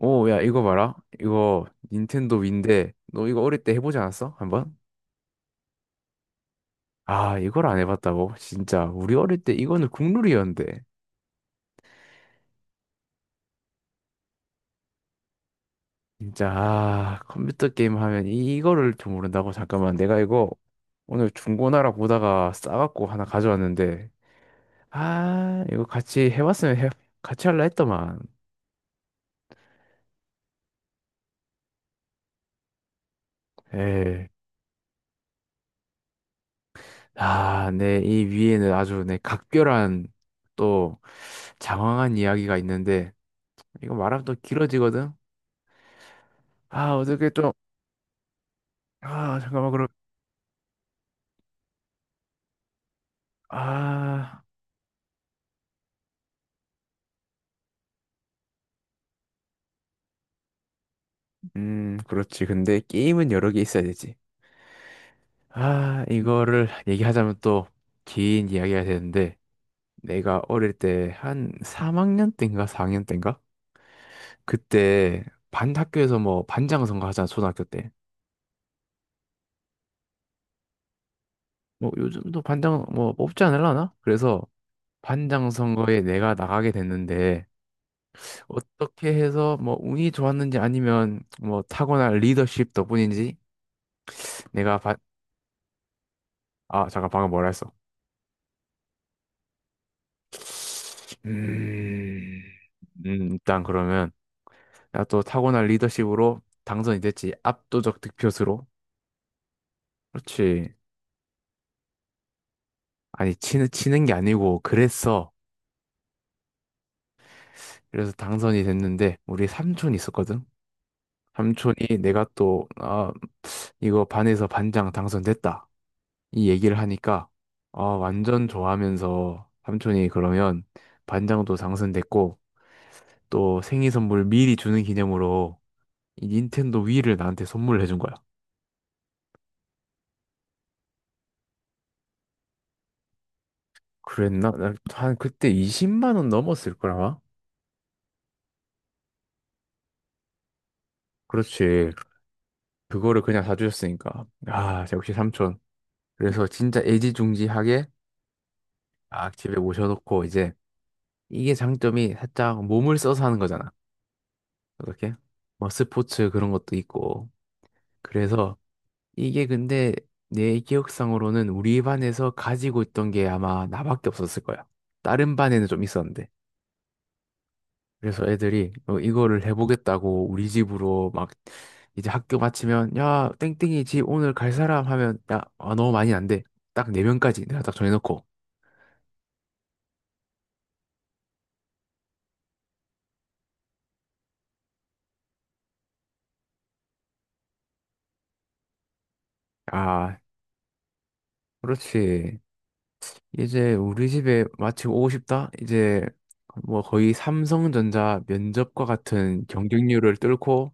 오, 야, 이거 봐라. 이거 닌텐도 위인데, 너 이거 어릴 때 해보지 않았어? 한번? 아, 이걸 안 해봤다고? 진짜, 우리 어릴 때 이거는 국룰이었는데. 진짜, 컴퓨터 게임 하면 이거를 좀 모른다고? 잠깐만, 내가 이거 오늘 중고나라 보다가 싸갖고 하나 가져왔는데, 이거 같이 해봤으면 해, 같이 할라 했더만. 에이, 내 이 위에는 아주 내 각별한 또 장황한 이야기가 있는데, 이거 말하면 또 길어지거든? 아, 어떻게 좀, 아, 잠깐만, 그럼, 아, 그렇지. 근데 게임은 여러 개 있어야 되지. 이거를 얘기하자면 또 긴 이야기가 되는데, 내가 어릴 때 한 3학년 때인가 4학년 때인가? 그때 반 학교에서 뭐 반장 선거 하잖아, 초등학교 때. 뭐 요즘도 반장 뭐 뽑지 않을라나? 그래서 반장 선거에 내가 나가게 됐는데, 어떻게 해서 뭐 운이 좋았는지 아니면 뭐 타고난 리더십 덕분인지 내가, 아, 잠깐 방금 뭐라 했어? 음, 일단 그러면 내가 또 타고난 리더십으로 당선이 됐지. 압도적 득표수로. 그렇지. 아니, 치는 게 아니고 그랬어. 그래서 당선이 됐는데 우리 삼촌이 있었거든. 삼촌이 내가 또, 아, 이거 반에서 반장 당선됐다, 이 얘기를 하니까 아, 완전 좋아하면서 삼촌이 그러면 반장도 당선됐고 또 생일 선물 미리 주는 기념으로 이 닌텐도 위를 나한테 선물을 해준 거야. 그랬나? 나 한 그때 20만 원 넘었을 거라마? 그렇지. 그거를 그냥 사주셨으니까. 아, 역시 삼촌. 그래서 진짜 애지중지하게 막 집에 모셔놓고 이제 이게 장점이 살짝 몸을 써서 하는 거잖아. 어떻게? 뭐 스포츠 그런 것도 있고. 그래서 이게 근데 내 기억상으로는 우리 반에서 가지고 있던 게 아마 나밖에 없었을 거야. 다른 반에는 좀 있었는데. 그래서 애들이 어, 이거를 해보겠다고 우리 집으로 막 이제 학교 마치면, 야, 땡땡이 집 오늘 갈 사람 하면, 야, 아, 너무 많이 안 돼. 딱 네 명까지 내가 딱 정해놓고, 아, 그렇지. 이제 우리 집에 마치고 오고 싶다 이제, 뭐 거의 삼성전자 면접과 같은 경쟁률을 뚫고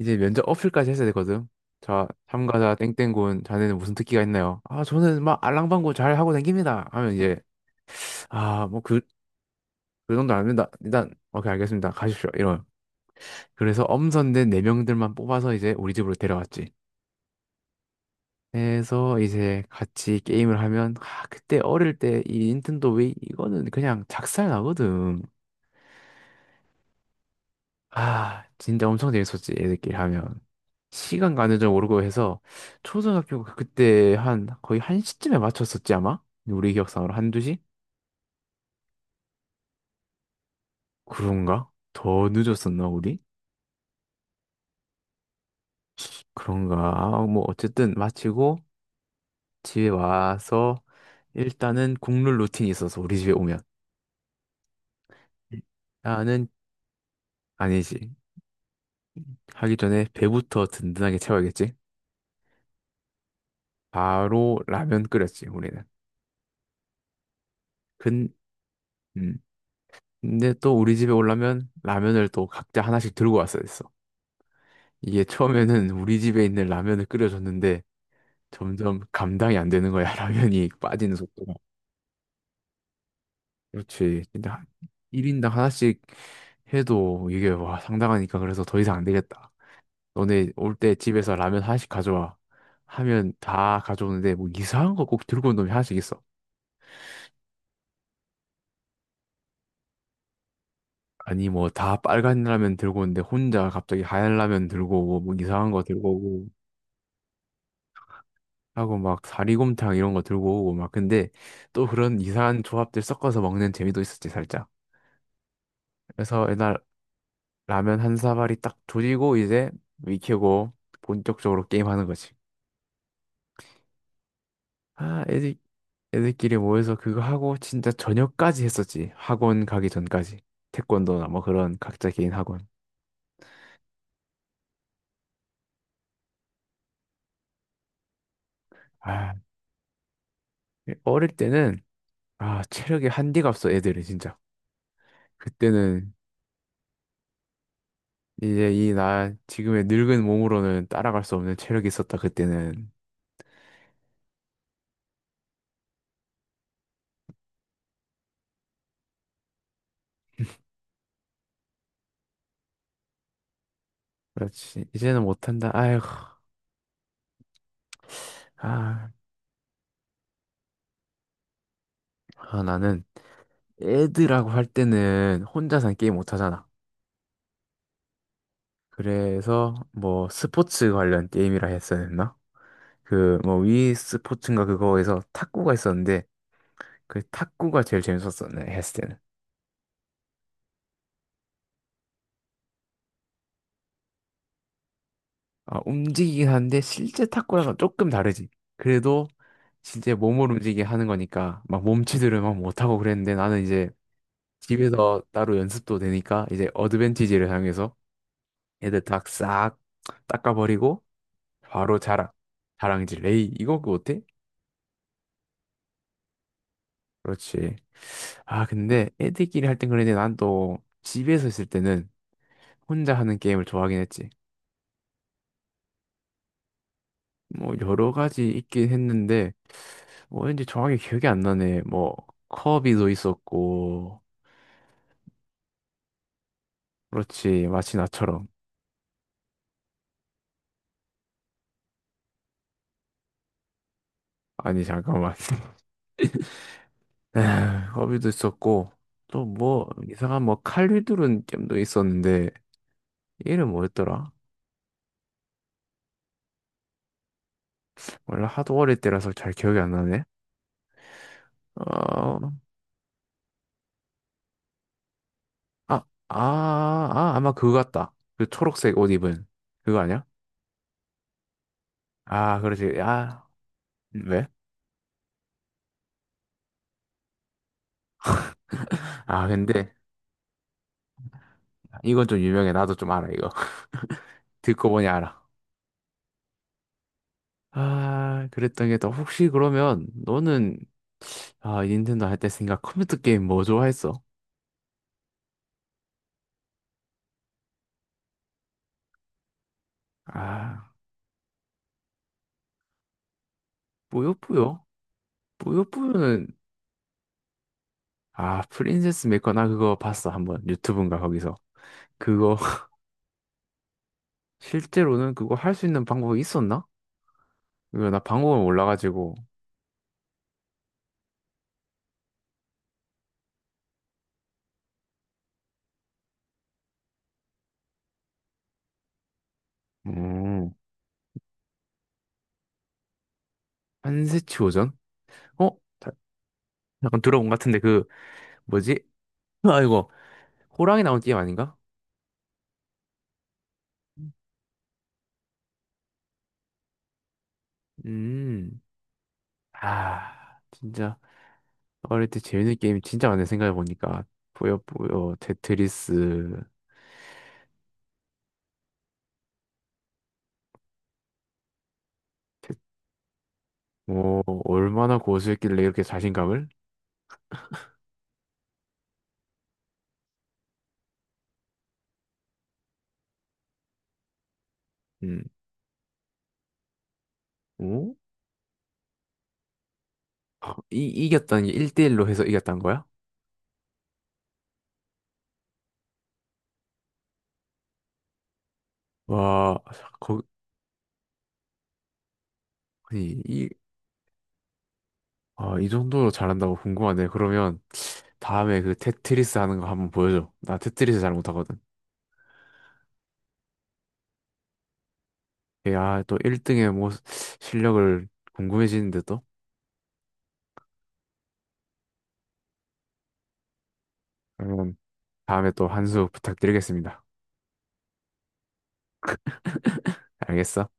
이제 면접 어필까지 했어야 되거든. 자, 참가자 땡땡군, 자네는 무슨 특기가 있나요? 아, 저는 막 알랑방구 잘 하고 다닙니다 하면 이제, 아, 뭐, 그... 그 정도 안 된다. 일단 오케이 알겠습니다. 가십시오. 이런. 그래서 엄선된 네 명들만 뽑아서 이제 우리 집으로 데려왔지. 그래서 이제 같이 게임을 하면, 아, 그때 어릴 때 이 닌텐도 웨이 이거는 그냥 작살 나거든. 아, 진짜 엄청 재밌었지 애들끼리 하면. 시간 가는 줄 모르고 해서 초등학교 그때 한 거의 한 시쯤에 맞췄었지 아마? 우리 기억상으로 한 두 시? 그런가? 더 늦었었나 우리? 그런가? 아, 뭐 어쨌든 마치고 집에 와서 일단은 국룰 루틴이 있어서 우리 집에 오면 나는, 아니지. 하기 전에 배부터 든든하게 채워야겠지. 바로 라면 끓였지, 우리는. 근, 음. 근데 또 우리 집에 오려면 라면을 또 각자 하나씩 들고 왔어야 됐어. 이게 처음에는 우리 집에 있는 라면을 끓여줬는데 점점 감당이 안 되는 거야, 라면이 빠지는 속도가. 그렇지. 근데 1인당 하나씩 해도 이게, 와, 상당하니까. 그래서 더 이상 안 되겠다. 너네 올 때 집에서 라면 하나씩 가져와. 하면 다 가져오는데 뭐 이상한 거 꼭 들고 온 놈이 하나씩 있어. 아니 뭐 다 빨간 라면 들고 오는데 혼자 갑자기 하얀 라면 들고 오고 뭐 이상한 거 들고 오고 하고 막 사리곰탕 이런 거 들고 오고 막. 근데 또 그런 이상한 조합들 섞어서 먹는 재미도 있었지 살짝. 그래서 옛날 라면 한 사발이 딱 조지고 이제 익히고 본격적으로 게임하는 거지. 아, 애들끼리 모여서 그거 하고 진짜 저녁까지 했었지. 학원 가기 전까지. 태권도나 뭐 그런 각자 개인 학원. 아, 어릴 때는, 아, 체력이 한디가 없어 애들이 진짜. 그때는 이제 이 나 지금의 늙은 몸으로는 따라갈 수 없는 체력이 있었다 그때는. 그렇지. 이제는 못한다. 아이고. 아, 나는 애들하고 할 때는 혼자서는 게임 못하잖아. 그래서 뭐 스포츠 관련 게임이라 했어야 했나? 그 뭐 위 스포츠인가 그거에서 탁구가 있었는데 그 탁구가 제일 재밌었어 내 했을 때는. 아, 움직이긴 한데 실제 탁구랑은 조금 다르지. 그래도 진짜 몸을 움직이게 하는 거니까 막 몸치들을 막 못하고 그랬는데 나는 이제 집에서 따로 연습도 되니까 이제 어드밴티지를 사용해서 애들 다 싹 닦아버리고 바로 자랑, 자랑질 레이 이거 그거 어때? 그렇지. 아, 근데 애들끼리 할 땐 그랬는데 난 또 집에서 있을 때는 혼자 하는 게임을 좋아하긴 했지. 뭐 여러 가지 있긴 했는데 뭐 왠지 정확히 기억이 안 나네. 뭐 커비도 있었고. 그렇지, 마치 나처럼. 아니 잠깐만. 에휴, 커비도 있었고 또 뭐 이상한 뭐 칼리두른 게임도 있었는데 이름 뭐였더라? 원래 하도 어릴 때라서 잘 기억이 안 나네. 어, 아마 그거 같다. 그 초록색 옷 입은 그거 아니야? 아, 그렇지. 아, 왜? 아, 근데 이건 좀 유명해. 나도 좀 알아, 이거. 듣고 보니 알아. 아, 그랬던 게 또 혹시 그러면 너는, 아, 닌텐도 할 때 생각 컴퓨터 게임 뭐 좋아했어? 아, 뿌요뿌요? 뿌요뿌요는, 아, 프린세스 메커 나 그거 봤어. 한번 유튜브인가 거기서. 그거 실제로는 그거 할 수 있는 방법이 있었나? 이거 나 방법을 몰라가지고. 음. 한세치 오전? 어? 자- 약간 들어본 것 같은데 그 뭐지? 아이고. 호랑이 나온 게임 아닌가? 음. 아, 진짜. 어릴 때 재밌는 게임 진짜 많네 생각해보니까. 뿌요뿌요 테트리스. 테- 뭐 얼마나 고수였길래 이렇게 자신감을. 음. 오, 아, 이겼다는 게 1대1로 해서 이겼다는 거야? 와, 거, 아니, 이, 아, 이 정도로 잘한다고? 궁금하네. 그러면 다음에 그 테트리스 하는 거 한번 보여줘. 나 테트리스 잘 못하거든. 야, 또 1등의 뭐 실력을 궁금해지는데 또? 그러면 다음에 또 한 수 부탁드리겠습니다. 알겠어?